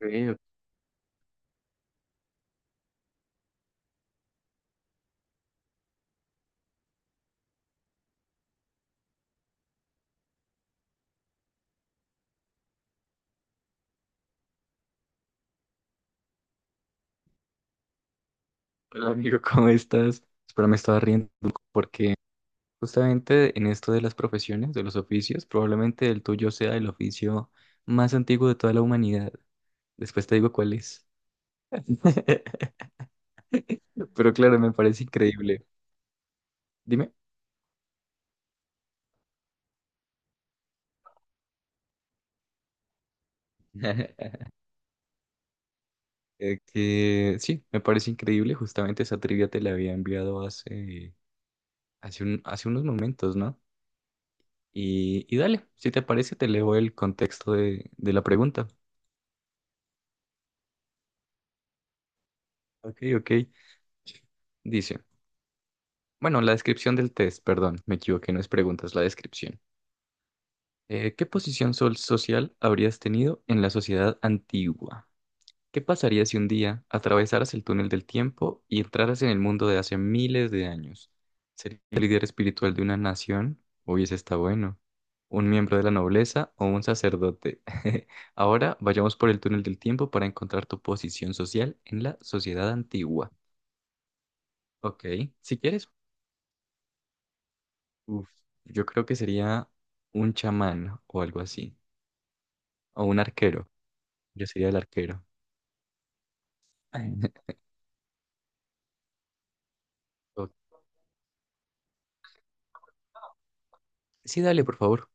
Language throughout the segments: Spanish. Eh, Hola amigo, ¿cómo estás? Espero me estaba riendo porque justamente en esto de las profesiones, de los oficios, probablemente el tuyo sea el oficio más antiguo de toda la humanidad. Después te digo cuál es. Pero claro, me parece increíble. Dime. Que sí, me parece increíble. Justamente esa trivia te la había enviado hace unos momentos, ¿no? Y, dale, si te parece, te leo el contexto de la pregunta. Ok, ok. Dice. Bueno, la descripción del test, perdón, me equivoqué, no es preguntas, la descripción. ¿Qué social habrías tenido en la sociedad antigua? ¿Qué pasaría si un día atravesaras el túnel del tiempo y entraras en el mundo de hace miles de años? ¿Serías el líder espiritual de una nación? Uy, ese está bueno. ¿Un miembro de la nobleza o un sacerdote? Ahora vayamos por el túnel del tiempo para encontrar tu posición social en la sociedad antigua. Ok, si quieres. Uf, yo creo que sería un chamán o algo así. O un arquero. Yo sería el arquero. Ay. Ok. Sí, dale, por favor.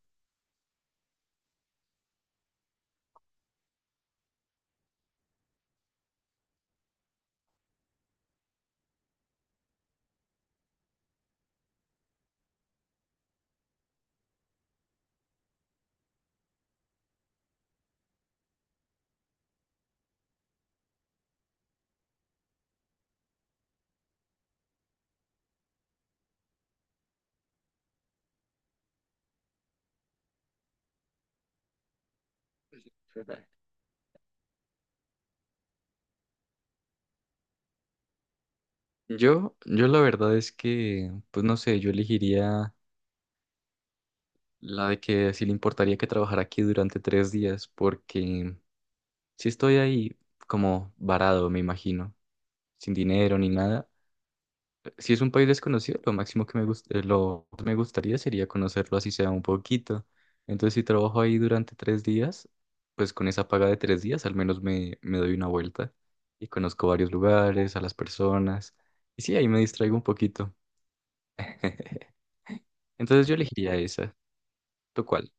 Yo la verdad es que, pues no sé, yo elegiría la de que sí le importaría que trabajara aquí durante tres días, porque si estoy ahí como varado, me imagino, sin dinero ni nada. Si es un país desconocido, lo máximo que lo que me gustaría sería conocerlo así sea un poquito. Entonces, si trabajo ahí durante tres días, pues con esa paga de tres días al menos me doy una vuelta y conozco varios lugares, a las personas. Y sí, ahí me distraigo un poquito. Entonces yo elegiría esa. ¿Tú cuál?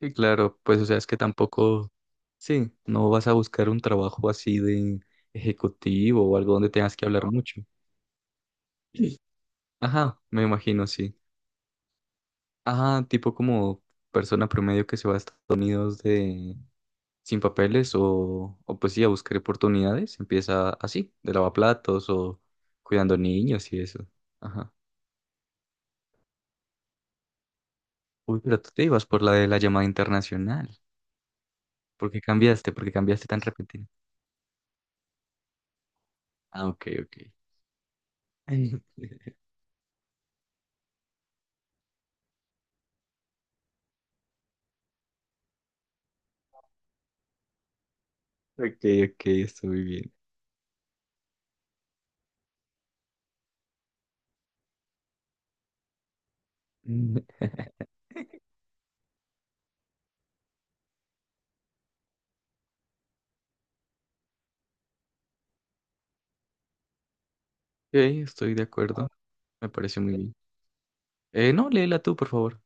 Sí, claro, pues o sea, es que tampoco, sí, no vas a buscar un trabajo así de ejecutivo o algo donde tengas que hablar mucho. Sí. Ajá, me imagino, sí. Ajá, tipo como persona promedio que se va a Estados Unidos de sin papeles o pues sí, a buscar oportunidades. Empieza así, de lavaplatos o cuidando niños y eso. Ajá. Uy, pero tú te ibas por la de la llamada internacional. ¿Por qué cambiaste? ¿Por qué cambiaste tan repentino? Ah, ok, ok. Ok, ok, estoy muy bien. Mm, ok, estoy de acuerdo. Me parece muy bien. No, léela tú, por favor.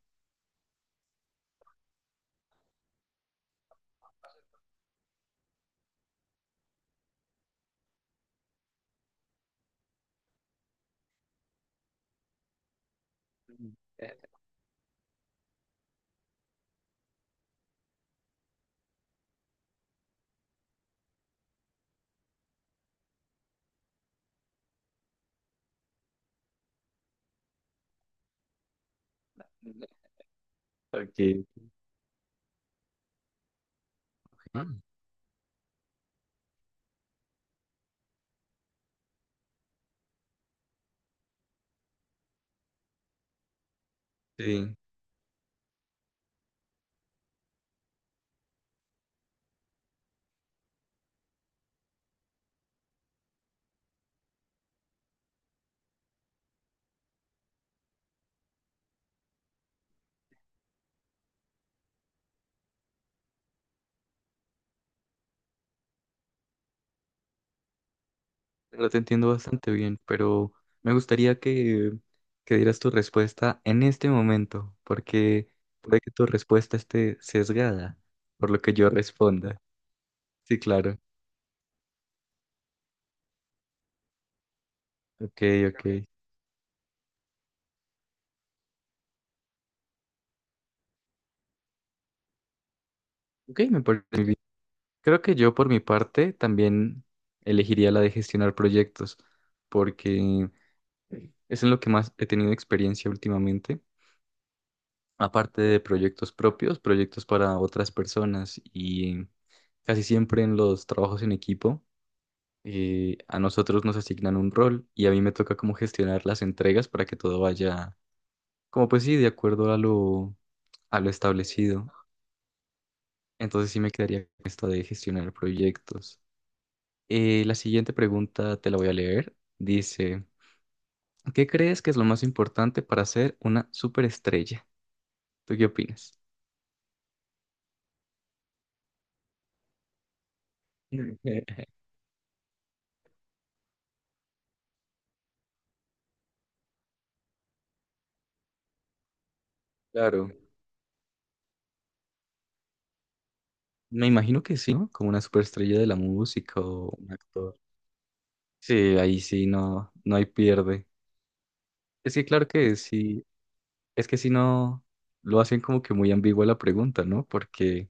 Mm. Eh, Ok. Ah, sí. Lo te entiendo bastante bien, pero me gustaría que dieras tu respuesta en este momento, porque puede que tu respuesta esté sesgada por lo que yo responda. Sí, claro. Ok, ok. Ok, me parece muy bien. Creo que yo por mi parte también elegiría la de gestionar proyectos, porque es en lo que más he tenido experiencia últimamente, aparte de proyectos propios, proyectos para otras personas y casi siempre en los trabajos en equipo. A nosotros nos asignan un rol y a mí me toca como gestionar las entregas para que todo vaya, como pues sí, de acuerdo a a lo establecido. Entonces sí me quedaría con esto de gestionar proyectos. La siguiente pregunta te la voy a leer. Dice, ¿qué crees que es lo más importante para ser una superestrella? ¿Tú qué opinas? Claro, me imagino que sí, ¿no? Como una superestrella de la música o un actor. Sí, ahí sí no, no hay pierde. Es que claro que sí. Es que si no, lo hacen como que muy ambigua la pregunta, ¿no? Porque,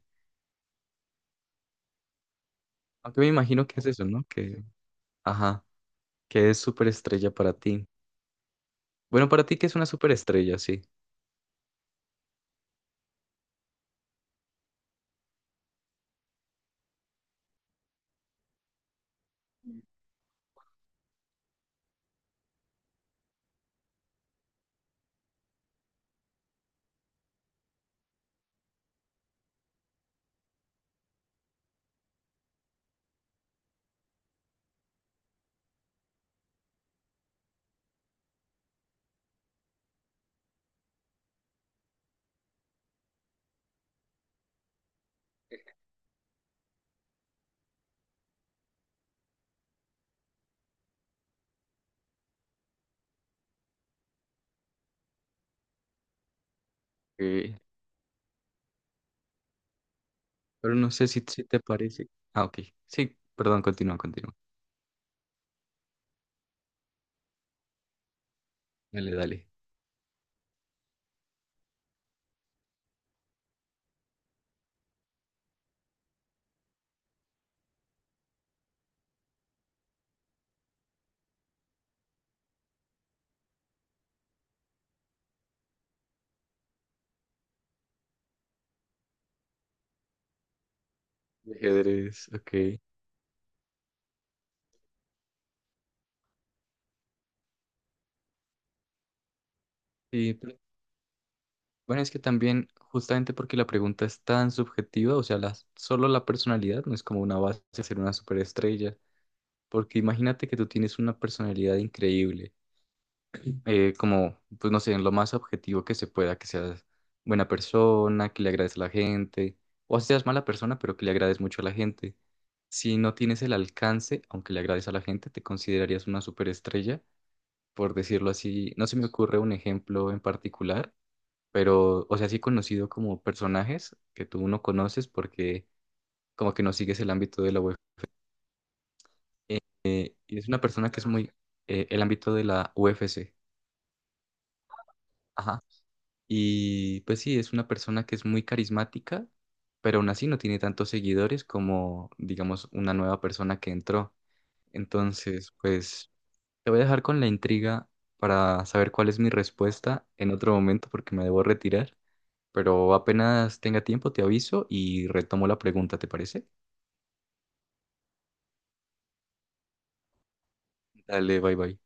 aunque me imagino que es eso, ¿no? Que, ajá, que es superestrella para ti. Bueno, para ti que es una superestrella, sí. Eh, pero no sé si, si te parece. Ah, ok. Sí, perdón, continúa, continúa. Dale, dale. De Ajedrez, ok. Sí, pero bueno, es que también, justamente porque la pregunta es tan subjetiva, o sea, la solo la personalidad no es como una base de ser una superestrella. Porque imagínate que tú tienes una personalidad increíble como, pues no sé, en lo más objetivo que se pueda, que seas buena persona, que le agrades a la gente, o así seas mala persona, pero que le agrades mucho a la gente. Si no tienes el alcance, aunque le agrades a la gente, te considerarías una superestrella, por decirlo así. No se me ocurre un ejemplo en particular, pero, o sea, sí conocido como personajes que tú no conoces porque como que no sigues el ámbito de la UFC. Eh, y es una persona que es muy, el ámbito de la UFC. Ajá. Y pues sí, es una persona que es muy carismática, pero aún así no tiene tantos seguidores como, digamos, una nueva persona que entró. Entonces, pues te voy a dejar con la intriga para saber cuál es mi respuesta en otro momento porque me debo retirar. Pero apenas tenga tiempo, te aviso y retomo la pregunta, ¿te parece? Dale, bye bye.